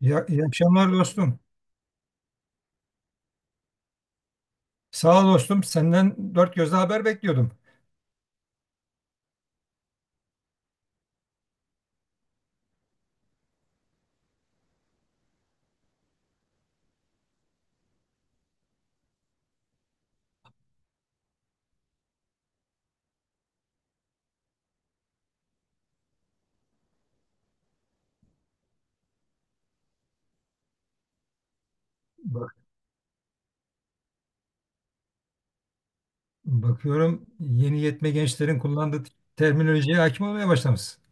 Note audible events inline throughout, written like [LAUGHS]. Ya, iyi akşamlar dostum. Sağ ol dostum. Senden dört gözle haber bekliyordum. Bak, bakıyorum yeni yetme gençlerin kullandığı terminolojiye hakim olmaya başlamışsın.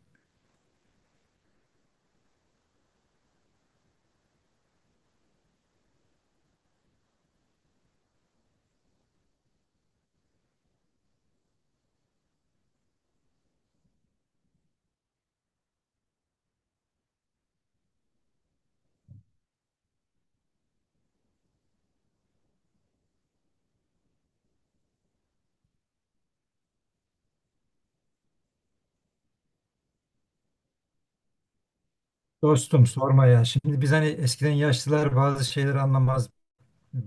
Dostum sorma ya. Şimdi biz hani eskiden yaşlılar bazı şeyleri anlamaz.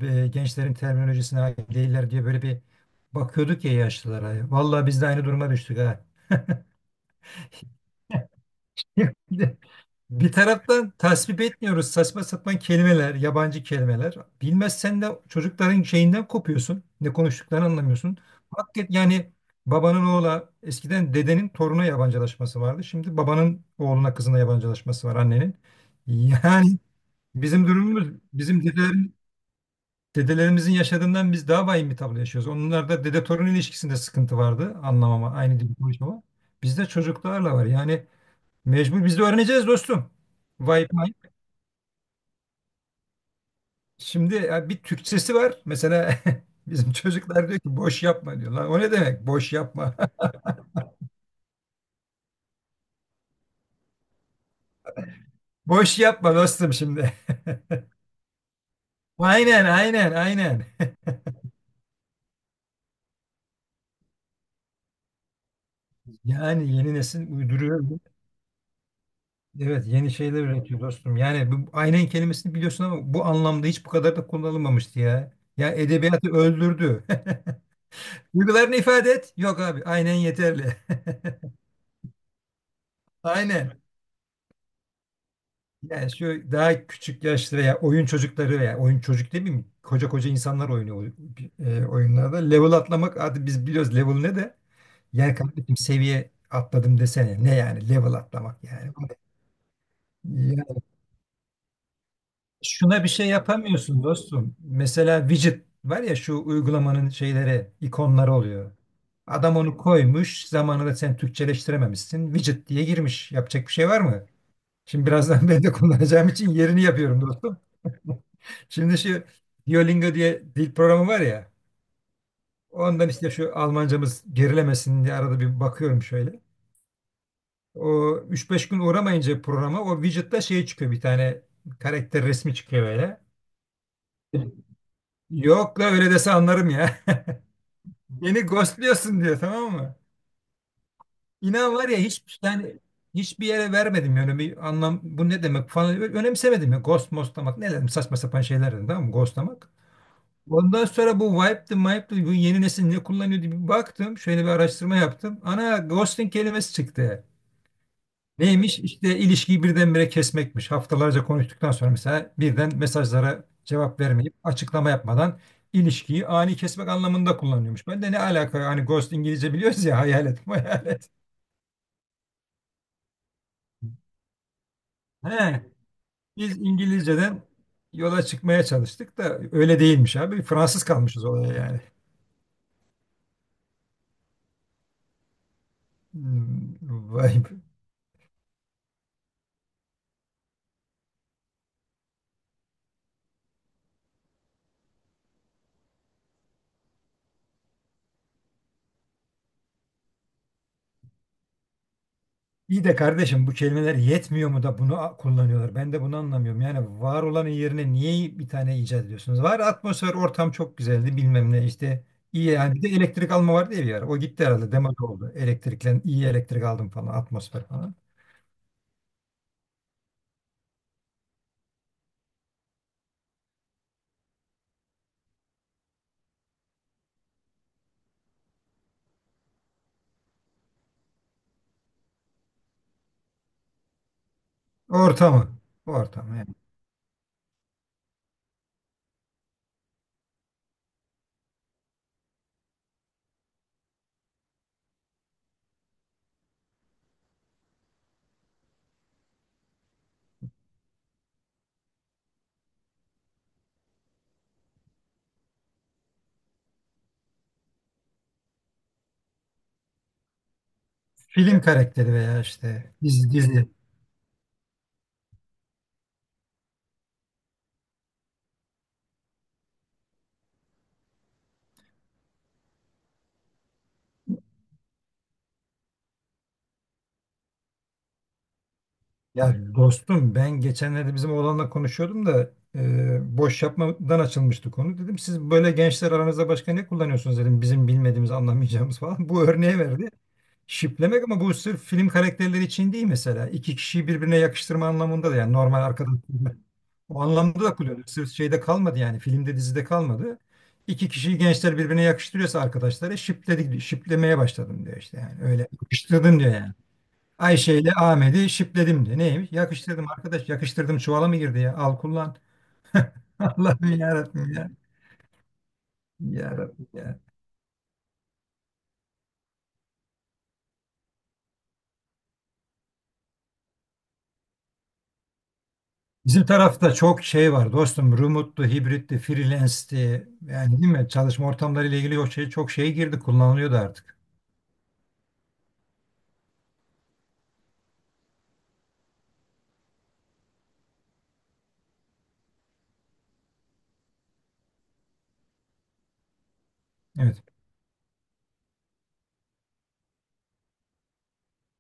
Gençlerin terminolojisine hakim değiller diye böyle bir bakıyorduk ya yaşlılara. Vallahi biz de aynı duruma düştük ha. [LAUGHS] Bir taraftan tasvip etmiyoruz saçma sapan kelimeler, yabancı kelimeler. Bilmezsen de çocukların şeyinden kopuyorsun. Ne konuştuklarını anlamıyorsun. Hakikaten yani babanın oğla eskiden dedenin toruna yabancılaşması vardı. Şimdi babanın oğluna kızına yabancılaşması var annenin. Yani bizim durumumuz bizim dedelerimizin yaşadığından biz daha vahim bir tablo yaşıyoruz. Onlarda dede torun ilişkisinde sıkıntı vardı anlamama aynı dil konuşmama. Bizde çocuklarla var yani mecbur biz de öğreneceğiz dostum. Vay, şimdi ya bir Türkçesi var. Mesela [LAUGHS] bizim çocuklar diyor ki boş yapma diyor. Lan o ne demek boş yapma? [LAUGHS] Boş yapma dostum şimdi. [LAUGHS] Aynen aynen aynen. Yani yeni nesil uyduruyor. Evet yeni şeyler üretiyor dostum. Yani bu aynen kelimesini biliyorsun ama bu anlamda hiç bu kadar da kullanılmamıştı ya. Ya edebiyatı öldürdü. [LAUGHS] Duygularını ifade et. Yok abi aynen yeterli. [LAUGHS] Aynen. Yani şu daha küçük yaşlı veya oyun çocukları veya oyun çocuk değil mi? Koca koca insanlar oynuyor oyunlarda. Level atlamak artık biz biliyoruz level ne de. Yani kardeşim seviye atladım desene. Ne yani level atlamak yani. Yani şuna bir şey yapamıyorsun dostum. Mesela widget var ya şu uygulamanın şeyleri, ikonları oluyor. Adam onu koymuş, zamanında sen Türkçeleştirememişsin. Widget diye girmiş. Yapacak bir şey var mı? Şimdi birazdan [LAUGHS] ben de kullanacağım için yerini yapıyorum dostum. Şimdi şu Duolingo diye dil programı var ya. Ondan işte şu Almancamız gerilemesin diye arada bir bakıyorum şöyle. O üç beş gün uğramayınca programa o widget'ta şey çıkıyor bir tane karakter resmi çıkıyor böyle. Yok la öyle dese anlarım ya. [LAUGHS] Beni ghostluyorsun diyor tamam mı? İnan var ya hiç yani hiçbir yere vermedim yani bir anlam bu ne demek falan önemsemedim ya ghost mostlamak ne dedim saçma sapan şeyler dedim tamam mı ghostlamak. Ondan sonra bu Wipe'dı, bu yeni nesil ne kullanıyor diye bir baktım. Şöyle bir araştırma yaptım. Ana ghosting kelimesi çıktı. Neymiş? İşte ilişkiyi birdenbire kesmekmiş. Haftalarca konuştuktan sonra mesela birden mesajlara cevap vermeyip açıklama yapmadan ilişkiyi ani kesmek anlamında kullanıyormuş. Ben de ne alaka hani ghost İngilizce biliyoruz ya hayalet [LAUGHS] hayalet. He, biz İngilizceden yola çıkmaya çalıştık da öyle değilmiş abi. Fransız kalmışız olaya yani. Hmm, vay be. İyi de kardeşim bu kelimeler yetmiyor mu da bunu kullanıyorlar? Ben de bunu anlamıyorum. Yani var olanın yerine niye bir tane icat ediyorsunuz? Var atmosfer, ortam çok güzeldi bilmem ne işte. İyi yani bir de elektrik alma vardı ya bir ara. O gitti herhalde demode oldu. Elektriklen iyi elektrik aldım falan atmosfer falan. Ortamı. Ortamı yani. Film karakteri veya işte dizi. Ya dostum ben geçenlerde bizim oğlanla konuşuyordum da boş yapmadan açılmıştı konu. Dedim siz böyle gençler aranızda başka ne kullanıyorsunuz dedim. Bizim bilmediğimiz anlamayacağımız falan. [LAUGHS] Bu örneği verdi. Şiplemek ama bu sırf film karakterleri için değil mesela. İki kişiyi birbirine yakıştırma anlamında da yani normal arkadaş. O anlamda da kullanıyor. Sırf şeyde kalmadı yani filmde dizide kalmadı. İki kişiyi gençler birbirine yakıştırıyorsa arkadaşları şipledik, şiplemeye başladım diyor işte yani. Öyle yakıştırdım diyor yani. Ayşe ile Ahmet'i şipledim de. Neymiş? Yakıştırdım arkadaş. Yakıştırdım çuvala mı girdi ya? Al kullan. [LAUGHS] Allah'ım yarabbim ya. Yarabbim ya. Bizim tarafta çok şey var dostum. Remote'lu, hibritti, freelance'ti. Yani değil mi? Çalışma ortamları ile ilgili o şey, çok şey girdi. Kullanılıyordu artık. Evet.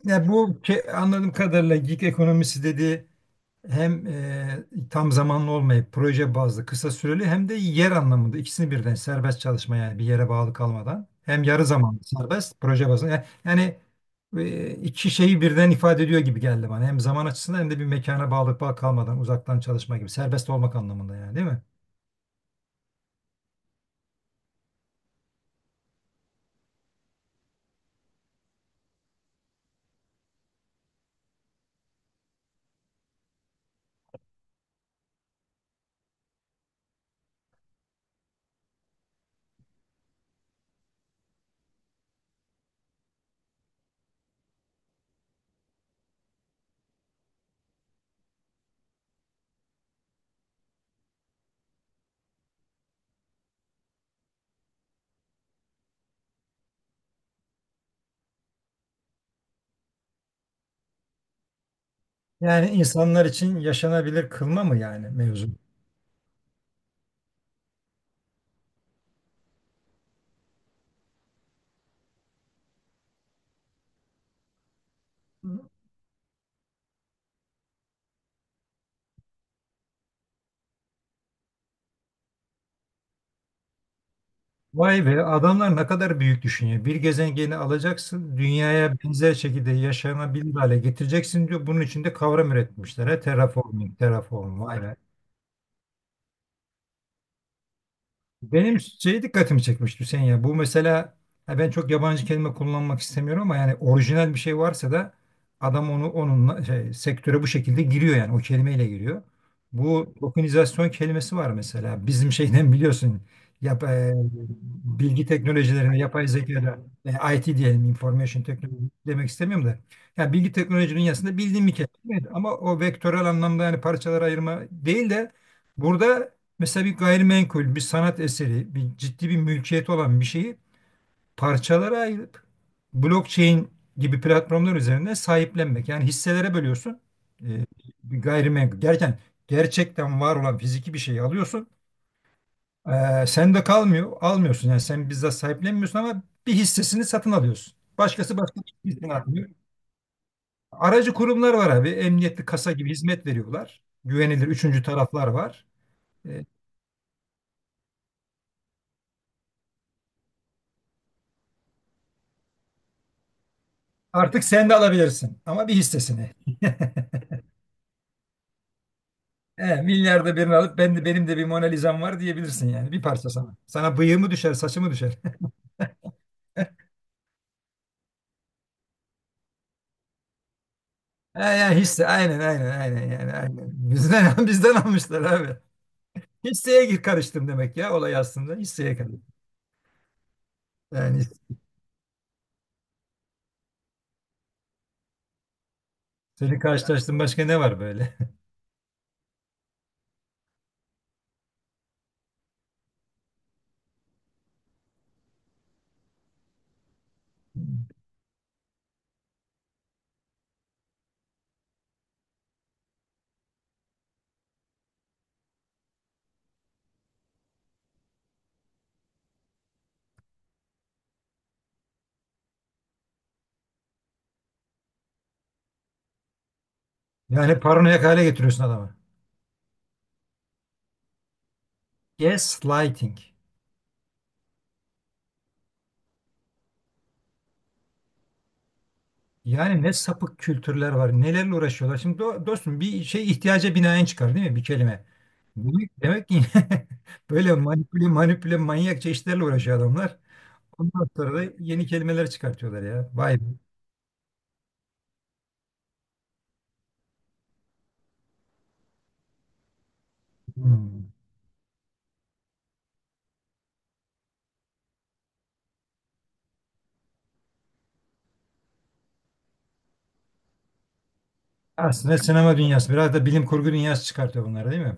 Ya bu anladığım kadarıyla gig ekonomisi dedi. Hem tam zamanlı olmayıp proje bazlı kısa süreli hem de yer anlamında ikisini birden serbest çalışma yani bir yere bağlı kalmadan hem yarı zamanlı serbest proje bazlı yani, iki şeyi birden ifade ediyor gibi geldi bana hem zaman açısından hem de bir mekana bağlı kalmadan uzaktan çalışma gibi serbest olmak anlamında yani değil mi? Yani insanlar için yaşanabilir kılma mı yani mevzu? Vay be adamlar ne kadar büyük düşünüyor. Bir gezegeni alacaksın, dünyaya benzer şekilde yaşanabilir hale getireceksin diyor. Bunun için de kavram üretmişler. He? Terraforming, terraform, vay be. Benim şey dikkatimi çekmişti Hüseyin ya. Bu mesela ha ben çok yabancı kelime kullanmak istemiyorum ama yani orijinal bir şey varsa da adam onu onunla şey, sektöre bu şekilde giriyor yani o kelimeyle giriyor. Bu tokenizasyon kelimesi var mesela. Bizim şeyden biliyorsun yap, e, bilgi teknolojilerine yapay zekada IT diyelim, information technology demek istemiyorum da. Yani bilgi teknolojinin dünyasında bildiğim bir kelime ama o vektörel anlamda yani parçalara ayırma değil de burada mesela bir gayrimenkul, bir sanat eseri, bir ciddi bir mülkiyet olan bir şeyi parçalara ayırıp blockchain gibi platformlar üzerinde sahiplenmek. Yani hisselere bölüyorsun. Ee, bir gayrimenkul. Gerçekten var olan fiziki bir şeyi alıyorsun. Sen de kalmıyor, almıyorsun. Yani sen bizzat sahiplenmiyorsun ama bir hissesini satın alıyorsun. Başkası başka bir hissesini almıyor. Aracı kurumlar var abi. Emniyetli kasa gibi hizmet veriyorlar. Güvenilir üçüncü taraflar var. E, artık sen de alabilirsin ama bir hissesini. [LAUGHS] He, milyarda birini alıp ben de benim de bir Mona Lisa'm var diyebilirsin yani bir parça sana. Sana bıyığı mı düşer, saçı mı düşer? [LAUGHS] He, ya hisse aynen aynen aynen yani aynen. Bizden [LAUGHS] bizden almışlar abi. Hisseye gir karıştım demek ya olay aslında hisseye karıştım. Yani seni karşılaştım başka ne var böyle? [LAUGHS] Yani paranoyak hale getiriyorsun adamı. Gaslighting. Yani ne sapık kültürler var, nelerle uğraşıyorlar. Şimdi dostum bir şey ihtiyaca binaen çıkar değil mi bir kelime? Demek ki [LAUGHS] böyle manipüle manipüle manyakça işlerle uğraşıyor adamlar. Ondan sonra da yeni kelimeler çıkartıyorlar ya. Vay be. Hmm. Aslında sinema dünyası biraz da bilim kurgu dünyası çıkartıyor bunlar değil mi?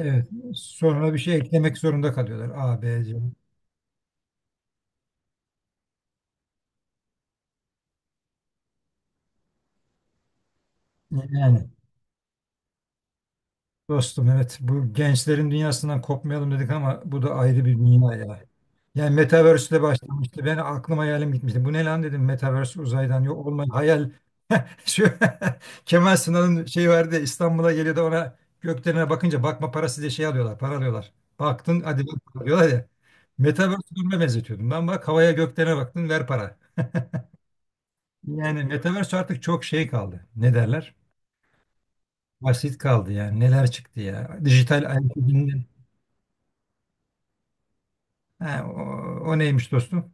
Evet. Sonra bir şey eklemek zorunda kalıyorlar. A, B, C. Yani. Dostum evet bu gençlerin dünyasından kopmayalım dedik ama bu da ayrı bir dünya ya. Yani Metaverse ile başlamıştı. Ben aklım hayalim gitmişti. Bu ne lan dedim Metaverse uzaydan yok olmayan hayal. [LAUGHS] Şu [LAUGHS] Kemal Sunal'ın şey vardı ya, İstanbul'a geliyor da ona göklerine bakınca bakma parası diye şey alıyorlar. Para alıyorlar. Baktın hadi bak para diyorlar ya. Metaverse duruma benzetiyordum. Ben bak havaya göklerine baktın ver para. Yani Metaverse artık çok şey kaldı. Ne derler? Basit kaldı yani. Neler çıktı ya. Dijital ayak izinden. Ha, o, o neymiş dostum?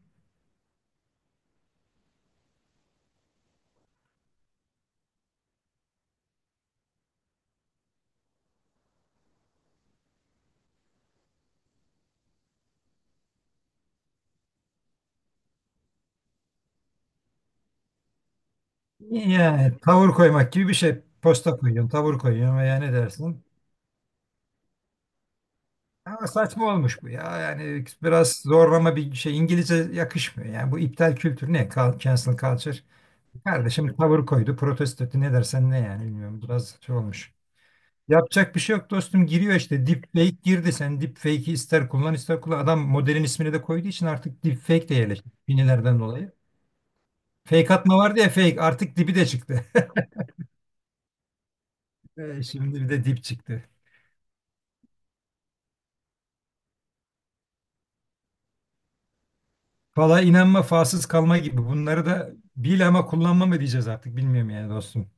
Yani tavır koymak gibi bir şey. Posta koyuyorsun, tavır koyuyorsun veya ne dersin? Ama saçma olmuş bu ya. Yani biraz zorlama bir şey. İngilizce yakışmıyor. Yani bu iptal kültürü ne? Cancel culture. Kardeşim tavır koydu, protesto etti. Ne dersen ne yani bilmiyorum. Biraz şey olmuş. Yapacak bir şey yok dostum. Giriyor işte. Deepfake girdi. Sen deepfake'i ister kullan ister kullan. Adam modelin ismini de koyduğu için artık deepfake de yerleşti. Finilerden dolayı. Fake atma vardı ya fake. Artık dibi de çıktı. Şimdi bir de dip çıktı. Valla inanma falsız kalma gibi. Bunları da bil ama kullanma mı diyeceğiz artık bilmiyorum yani dostum.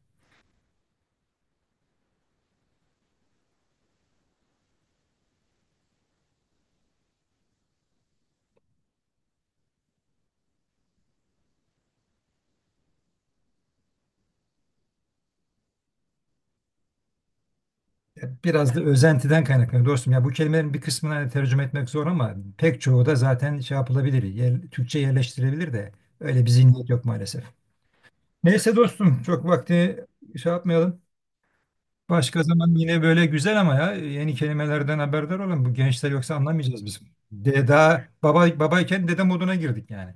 Biraz da özentiden kaynaklanıyor dostum. Ya bu kelimelerin bir kısmını hani tercüme etmek zor ama pek çoğu da zaten şey yapılabilir. Yer, Türkçe yerleştirilebilir de öyle bir zihniyet yok maalesef. Neyse dostum çok vakti şey yapmayalım. Başka zaman yine böyle güzel ama ya yeni kelimelerden haberdar olun. Bu gençler yoksa anlamayacağız biz. Deda baba babayken dede moduna girdik yani.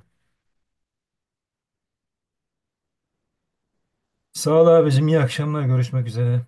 Sağ ol abicim, iyi akşamlar. Görüşmek üzere.